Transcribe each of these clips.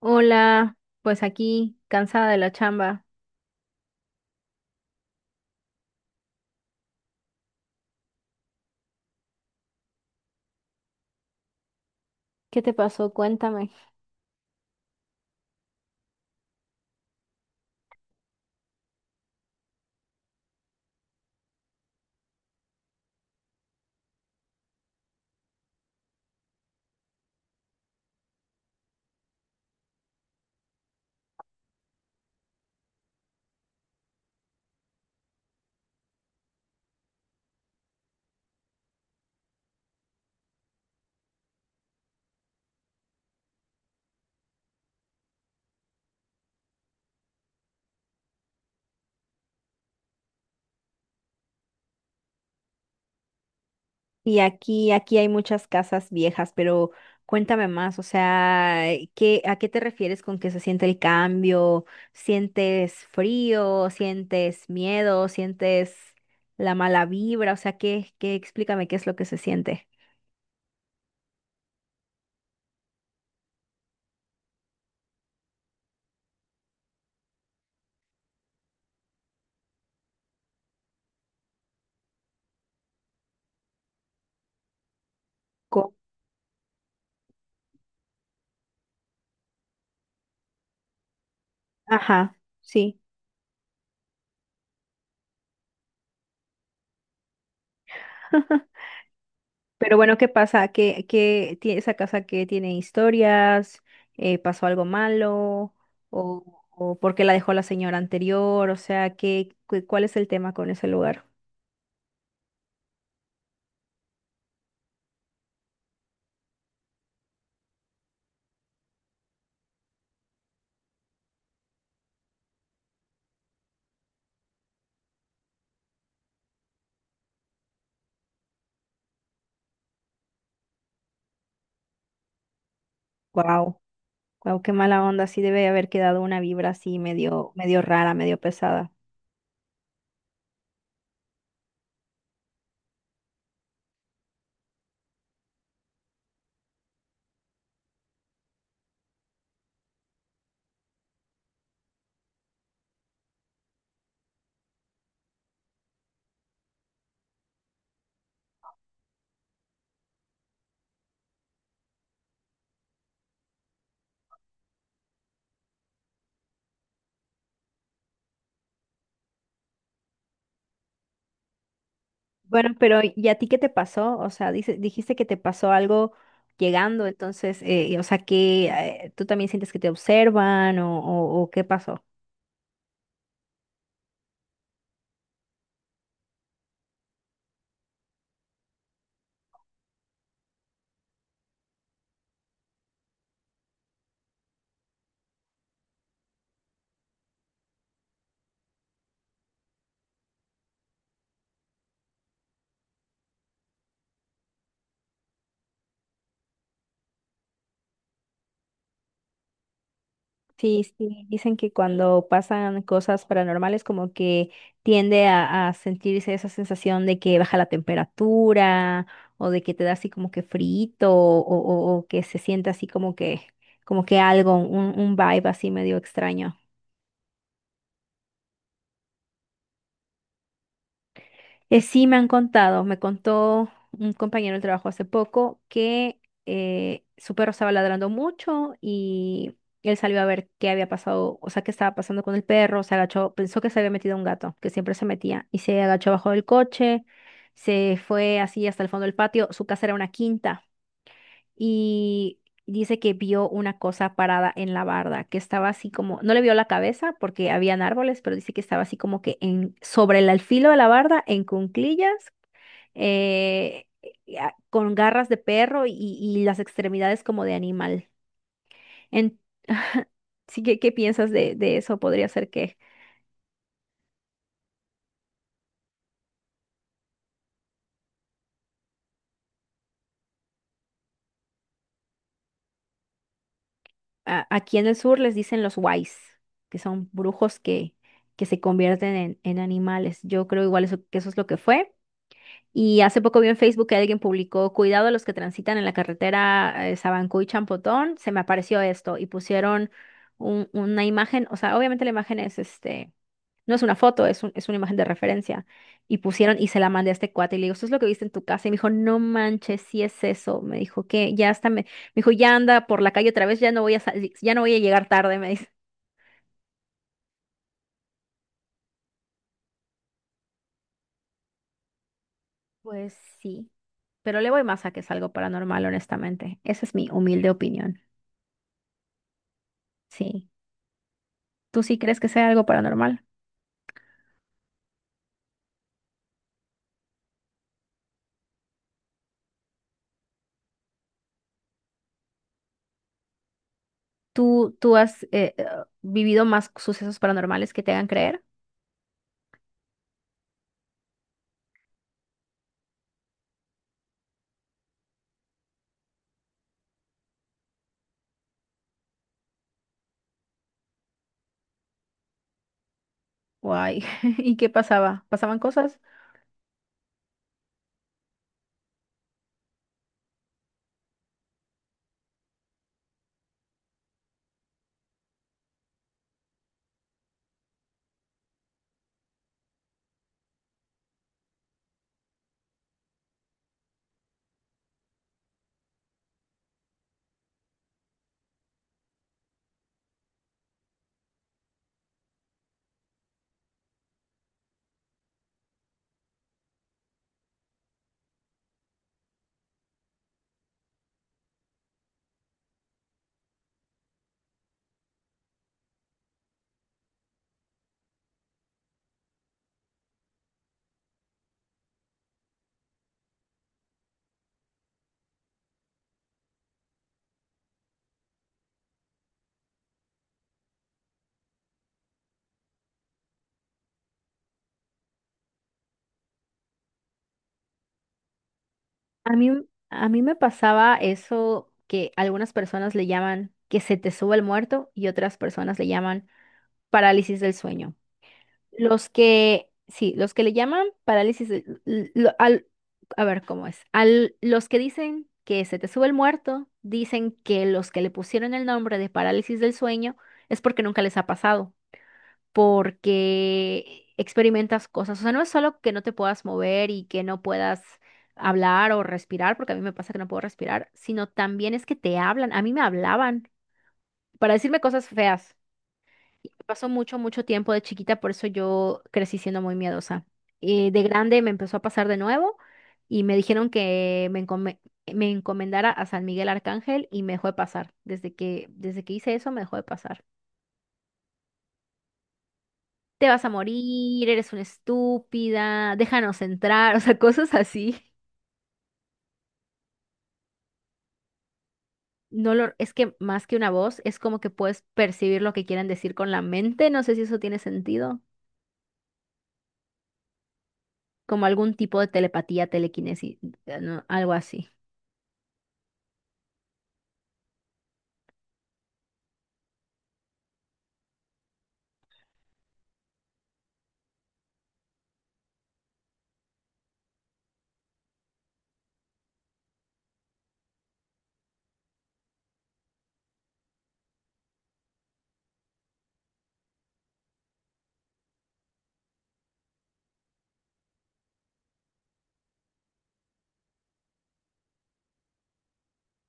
Hola, pues aquí, cansada de la chamba. ¿Qué te pasó? Cuéntame. Y aquí hay muchas casas viejas, pero cuéntame más, o sea, ¿qué, a qué te refieres con que se siente el cambio? ¿Sientes frío? ¿Sientes miedo? ¿Sientes la mala vibra? O sea, ¿qué, explícame qué es lo que se siente? Co- Ajá, sí. Pero bueno, ¿qué pasa? ¿Qué tiene esa casa que tiene historias? ¿pasó algo malo? O por qué la dejó la señora anterior? O sea, ¿ cuál es el tema con ese lugar? Wow, wow, qué mala onda. Sí debe haber quedado una vibra así medio, medio rara, medio pesada. Bueno, pero ¿y a ti qué te pasó? O sea, dijiste que te pasó algo llegando, entonces, o sea, que tú también sientes que te observan o qué pasó? Sí, sí, dicen que cuando pasan cosas paranormales como que tiende a sentirse esa sensación de que baja la temperatura o de que te da así como que frito o que se siente así como que algo, un vibe así medio extraño. Sí, me han contado, me contó un compañero del trabajo hace poco que su perro estaba ladrando mucho y él salió a ver qué había pasado, o sea, qué estaba pasando con el perro, se agachó, pensó que se había metido un gato, que siempre se metía, y se agachó abajo del coche, se fue así hasta el fondo del patio, su casa era una quinta y dice que vio una cosa parada en la barda, que estaba así como, no le vio la cabeza porque habían árboles, pero dice que estaba así como que en, sobre el alfilo de la barda, en cunclillas, eh, y con garras de perro y las extremidades como de animal. En, sí, ¿qué piensas de eso? Podría ser que aquí en el sur les dicen los wais, que son brujos que se convierten en animales. Yo creo igual eso, que eso es lo que fue. Y hace poco vi en Facebook que alguien publicó, cuidado a los que transitan en la carretera Sabancuy Champotón, se me apareció esto y pusieron una imagen, o sea, obviamente la imagen es este, no es una foto, es, es una imagen de referencia. Y pusieron y se la mandé a este cuate y le digo, ¿esto es lo que viste en tu casa? Y me dijo, no manches, sí es eso. Me dijo que ya hasta me, me dijo, ya anda por la calle otra vez, ya no voy a salir, ya no voy a llegar tarde, me dice. Pues sí, pero le voy más a que es algo paranormal, honestamente. Esa es mi humilde opinión. Sí. ¿Tú sí crees que sea algo paranormal? ¿Tú has vivido más sucesos paranormales que te hagan creer? Guay. ¿Y qué pasaba? ¿Pasaban cosas? A mí, a mí me pasaba eso que algunas personas le llaman que se te sube el muerto y otras personas le llaman parálisis del sueño. Los que, sí, los que le llaman parálisis, a ver cómo es. Al, los que dicen que se te sube el muerto, dicen que los que le pusieron el nombre de parálisis del sueño es porque nunca les ha pasado, porque experimentas cosas. O sea, no es solo que no te puedas mover y que no puedas hablar o respirar, porque a mí me pasa que no puedo respirar, sino también es que te hablan. A mí me hablaban para decirme cosas feas. Pasó mucho, mucho tiempo de chiquita, por eso yo crecí siendo muy miedosa. Y de grande me empezó a pasar de nuevo y me dijeron que me, me encomendara a San Miguel Arcángel y me dejó de pasar. Desde que hice eso, me dejó de pasar. Te vas a morir, eres una estúpida, déjanos entrar, o sea, cosas así. No lo, es que más que una voz, es como que puedes percibir lo que quieren decir con la mente. No sé si eso tiene sentido. Como algún tipo de telepatía, telequinesis, no, algo así.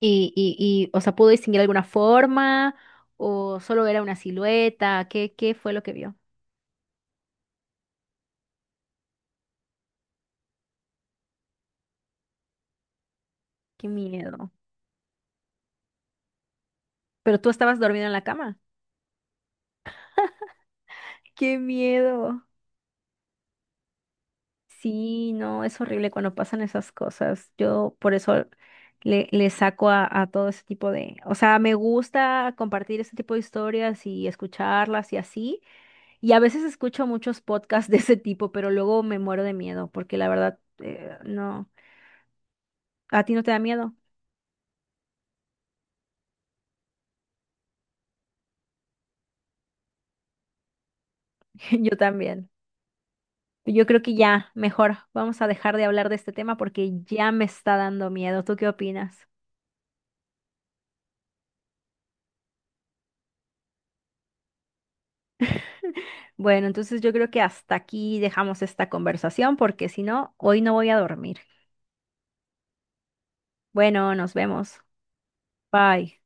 Y o sea, ¿pudo distinguir alguna forma o solo era una silueta? ¿Qué fue lo que vio? Qué miedo. Pero tú estabas dormido en la cama. Qué miedo. Sí, no, es horrible cuando pasan esas cosas. Yo por eso le saco a todo ese tipo de... O sea, me gusta compartir ese tipo de historias y escucharlas y así. Y a veces escucho muchos podcasts de ese tipo, pero luego me muero de miedo porque la verdad, no. ¿A ti no te da miedo? Yo también. Yo creo que ya, mejor, vamos a dejar de hablar de este tema porque ya me está dando miedo. ¿Tú qué opinas? Bueno, entonces yo creo que hasta aquí dejamos esta conversación porque si no, hoy no voy a dormir. Bueno, nos vemos. Bye.